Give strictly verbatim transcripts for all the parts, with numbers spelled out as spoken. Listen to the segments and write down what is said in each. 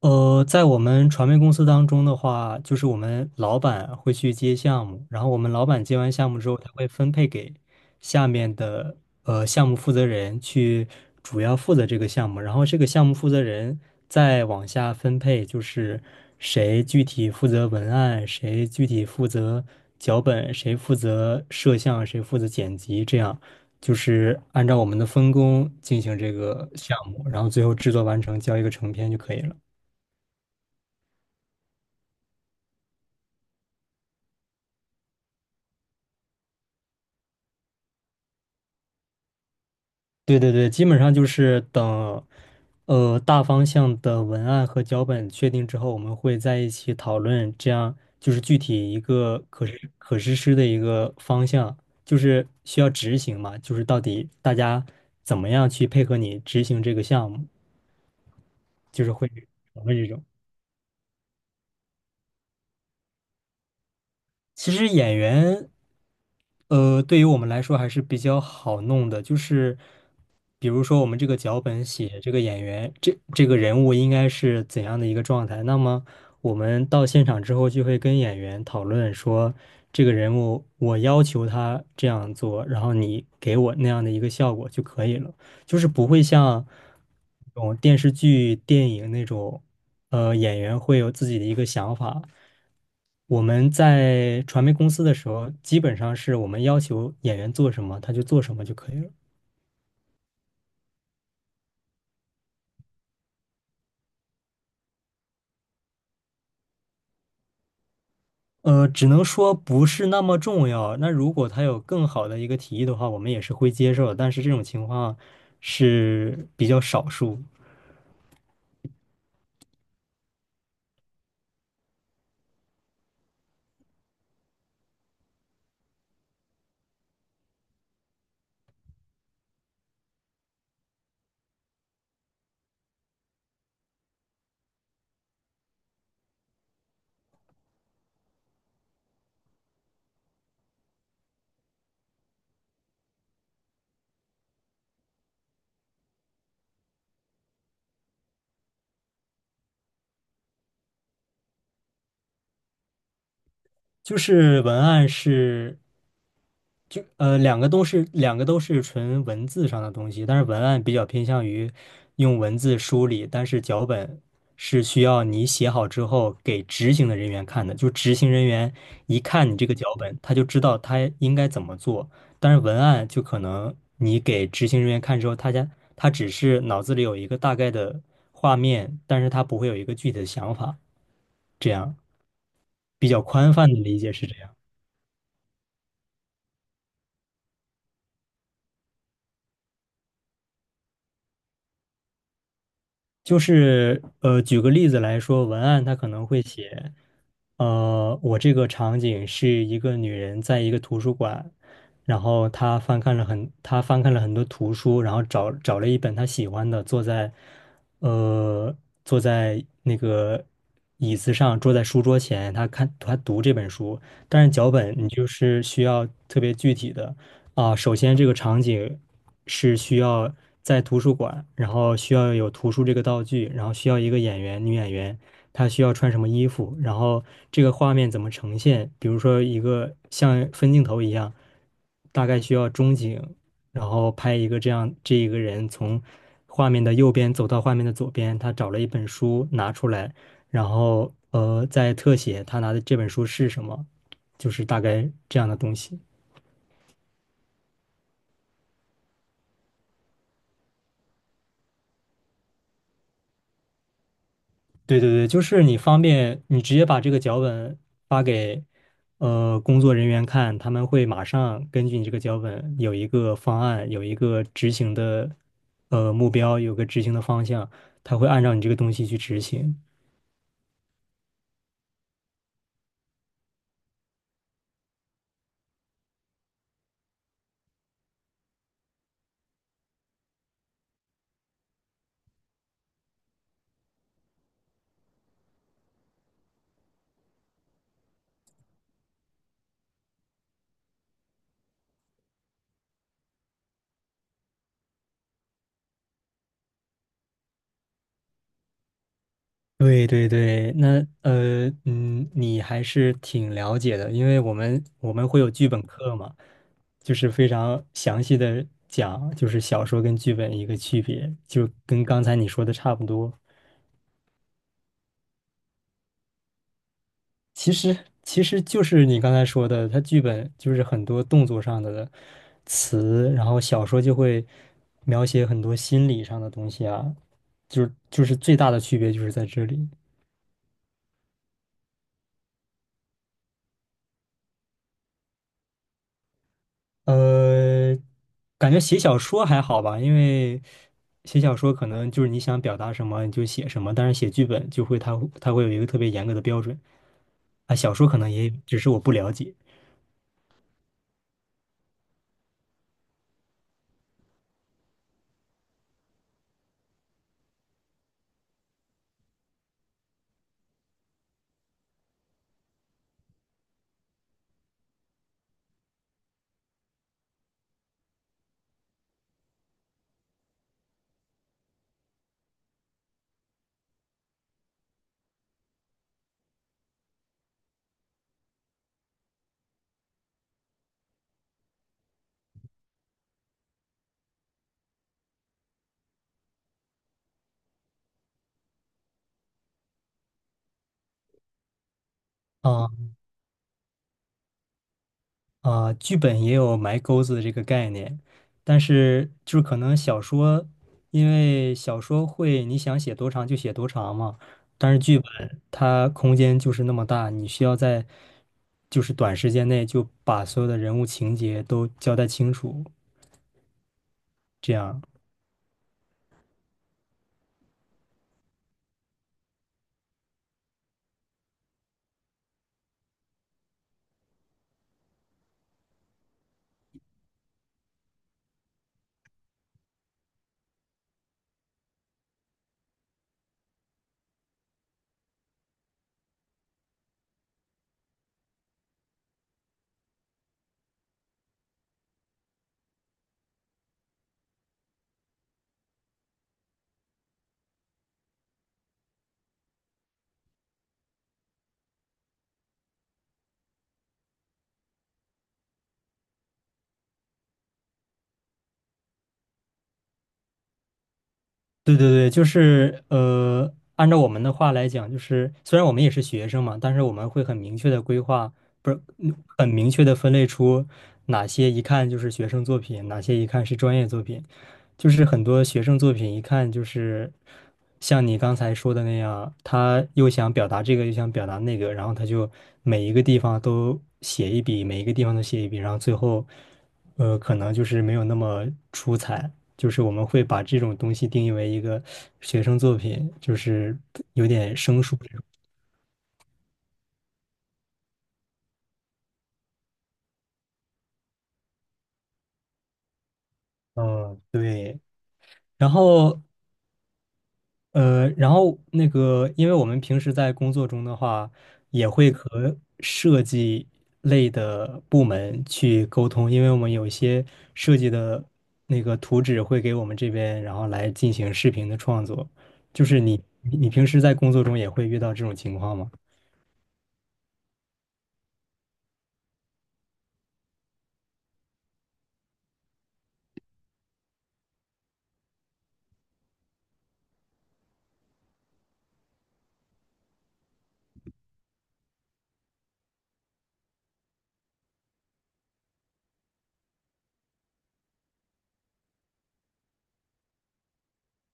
呃，在我们传媒公司当中的话，就是我们老板会去接项目，然后我们老板接完项目之后，他会分配给下面的呃项目负责人去主要负责这个项目，然后这个项目负责人再往下分配，就是谁具体负责文案，谁具体负责脚本，谁负责摄像，谁负责剪辑，这样就是按照我们的分工进行这个项目，然后最后制作完成，交一个成片就可以了。对对对，基本上就是等，呃，大方向的文案和脚本确定之后，我们会在一起讨论，这样就是具体一个可实可实施的一个方向，就是需要执行嘛，就是到底大家怎么样去配合你执行这个项目，就是会讨论这种。其实演员呃，对于我们来说还是比较好弄的，就是比如说我们这个脚本写这个演员，这这个人物应该是怎样的一个状态，那么我们到现场之后就会跟演员讨论说，这个人物我要求他这样做，然后你给我那样的一个效果就可以了。就是不会像那种电视剧、电影那种，呃，演员会有自己的一个想法。我们在传媒公司的时候，基本上是我们要求演员做什么，他就做什么就可以了。呃，只能说不是那么重要。那如果他有更好的一个提议的话，我们也是会接受的。但是这种情况是比较少数。就是文案是就呃，两个都是两个都是纯文字上的东西，但是文案比较偏向于用文字梳理，但是脚本是需要你写好之后给执行的人员看的，就执行人员一看你这个脚本，他就知道他应该怎么做。但是文案就可能你给执行人员看之后，他家他只是脑子里有一个大概的画面，但是他不会有一个具体的想法，这样比较宽泛的理解是这样。就是呃，举个例子来说，文案它可能会写，呃，我这个场景是一个女人在一个图书馆，然后她翻看了很，她翻看了很多图书，然后找找了一本她喜欢的，坐在，呃，坐在那个椅子上，坐在书桌前，她看她读这本书，但是脚本你就是需要特别具体的。啊，首先这个场景是需要在图书馆，然后需要有图书这个道具，然后需要一个演员，女演员，她需要穿什么衣服，然后这个画面怎么呈现，比如说一个像分镜头一样，大概需要中景，然后拍一个这样，这一个人从画面的右边走到画面的左边，他找了一本书拿出来，然后呃，在特写他拿的这本书是什么，就是大概这样的东西。对对对，就是你方便，你直接把这个脚本发给呃工作人员看，他们会马上根据你这个脚本有一个方案，有一个执行的呃目标，有个执行的方向，他会按照你这个东西去执行。对对对，那呃嗯，你还是挺了解的，因为我们我们会有剧本课嘛，就是非常详细的讲，就是小说跟剧本一个区别，就跟刚才你说的差不多。其实其实就是你刚才说的，它剧本就是很多动作上的词，然后小说就会描写很多心理上的东西啊，就是就是最大的区别就是在这里。呃，感觉写小说还好吧，因为写小说可能就是你想表达什么你就写什么，但是写剧本就会它会它会有一个特别严格的标准啊，小说可能也有只是我不了解啊。啊，剧本也有埋钩子的这个概念，但是就是可能小说，因为小说会你想写多长就写多长嘛，但是剧本它空间就是那么大，你需要在就是短时间内就把所有的人物情节都交代清楚，这样。对对对，就是呃，按照我们的话来讲，就是虽然我们也是学生嘛，但是我们会很明确的规划，不是嗯很明确的分类出哪些一看就是学生作品，哪些一看是专业作品。就是很多学生作品一看就是像你刚才说的那样，他又想表达这个，又想表达那个，然后他就每一个地方都写一笔，每一个地方都写一笔，然后最后呃，可能就是没有那么出彩。就是我们会把这种东西定义为一个学生作品，就是有点生疏这种嗯，然后呃，然后那个，因为我们平时在工作中的话，也会和设计类的部门去沟通，因为我们有一些设计的那个图纸会给我们这边，然后来进行视频的创作。就是你你你平时在工作中也会遇到这种情况吗？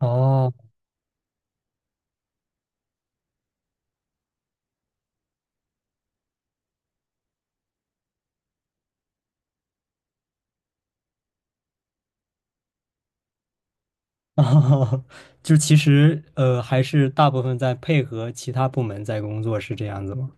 哦。哦，就其实呃，还是大部分在配合其他部门在工作，是这样子吗？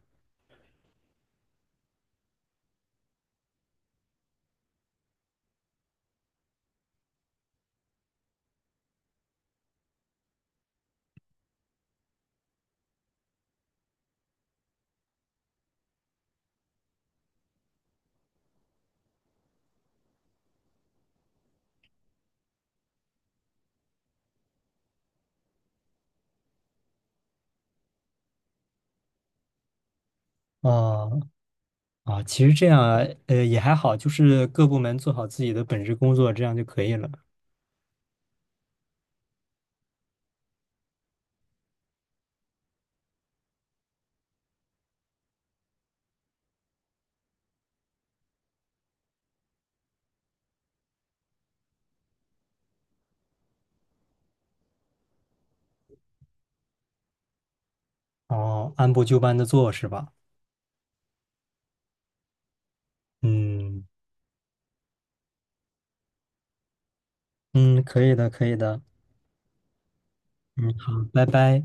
啊啊，其实这样呃也还好，就是各部门做好自己的本职工作，这样就可以了。哦，按部就班的做是吧？嗯嗯，可以的，可以的。嗯，好，拜拜。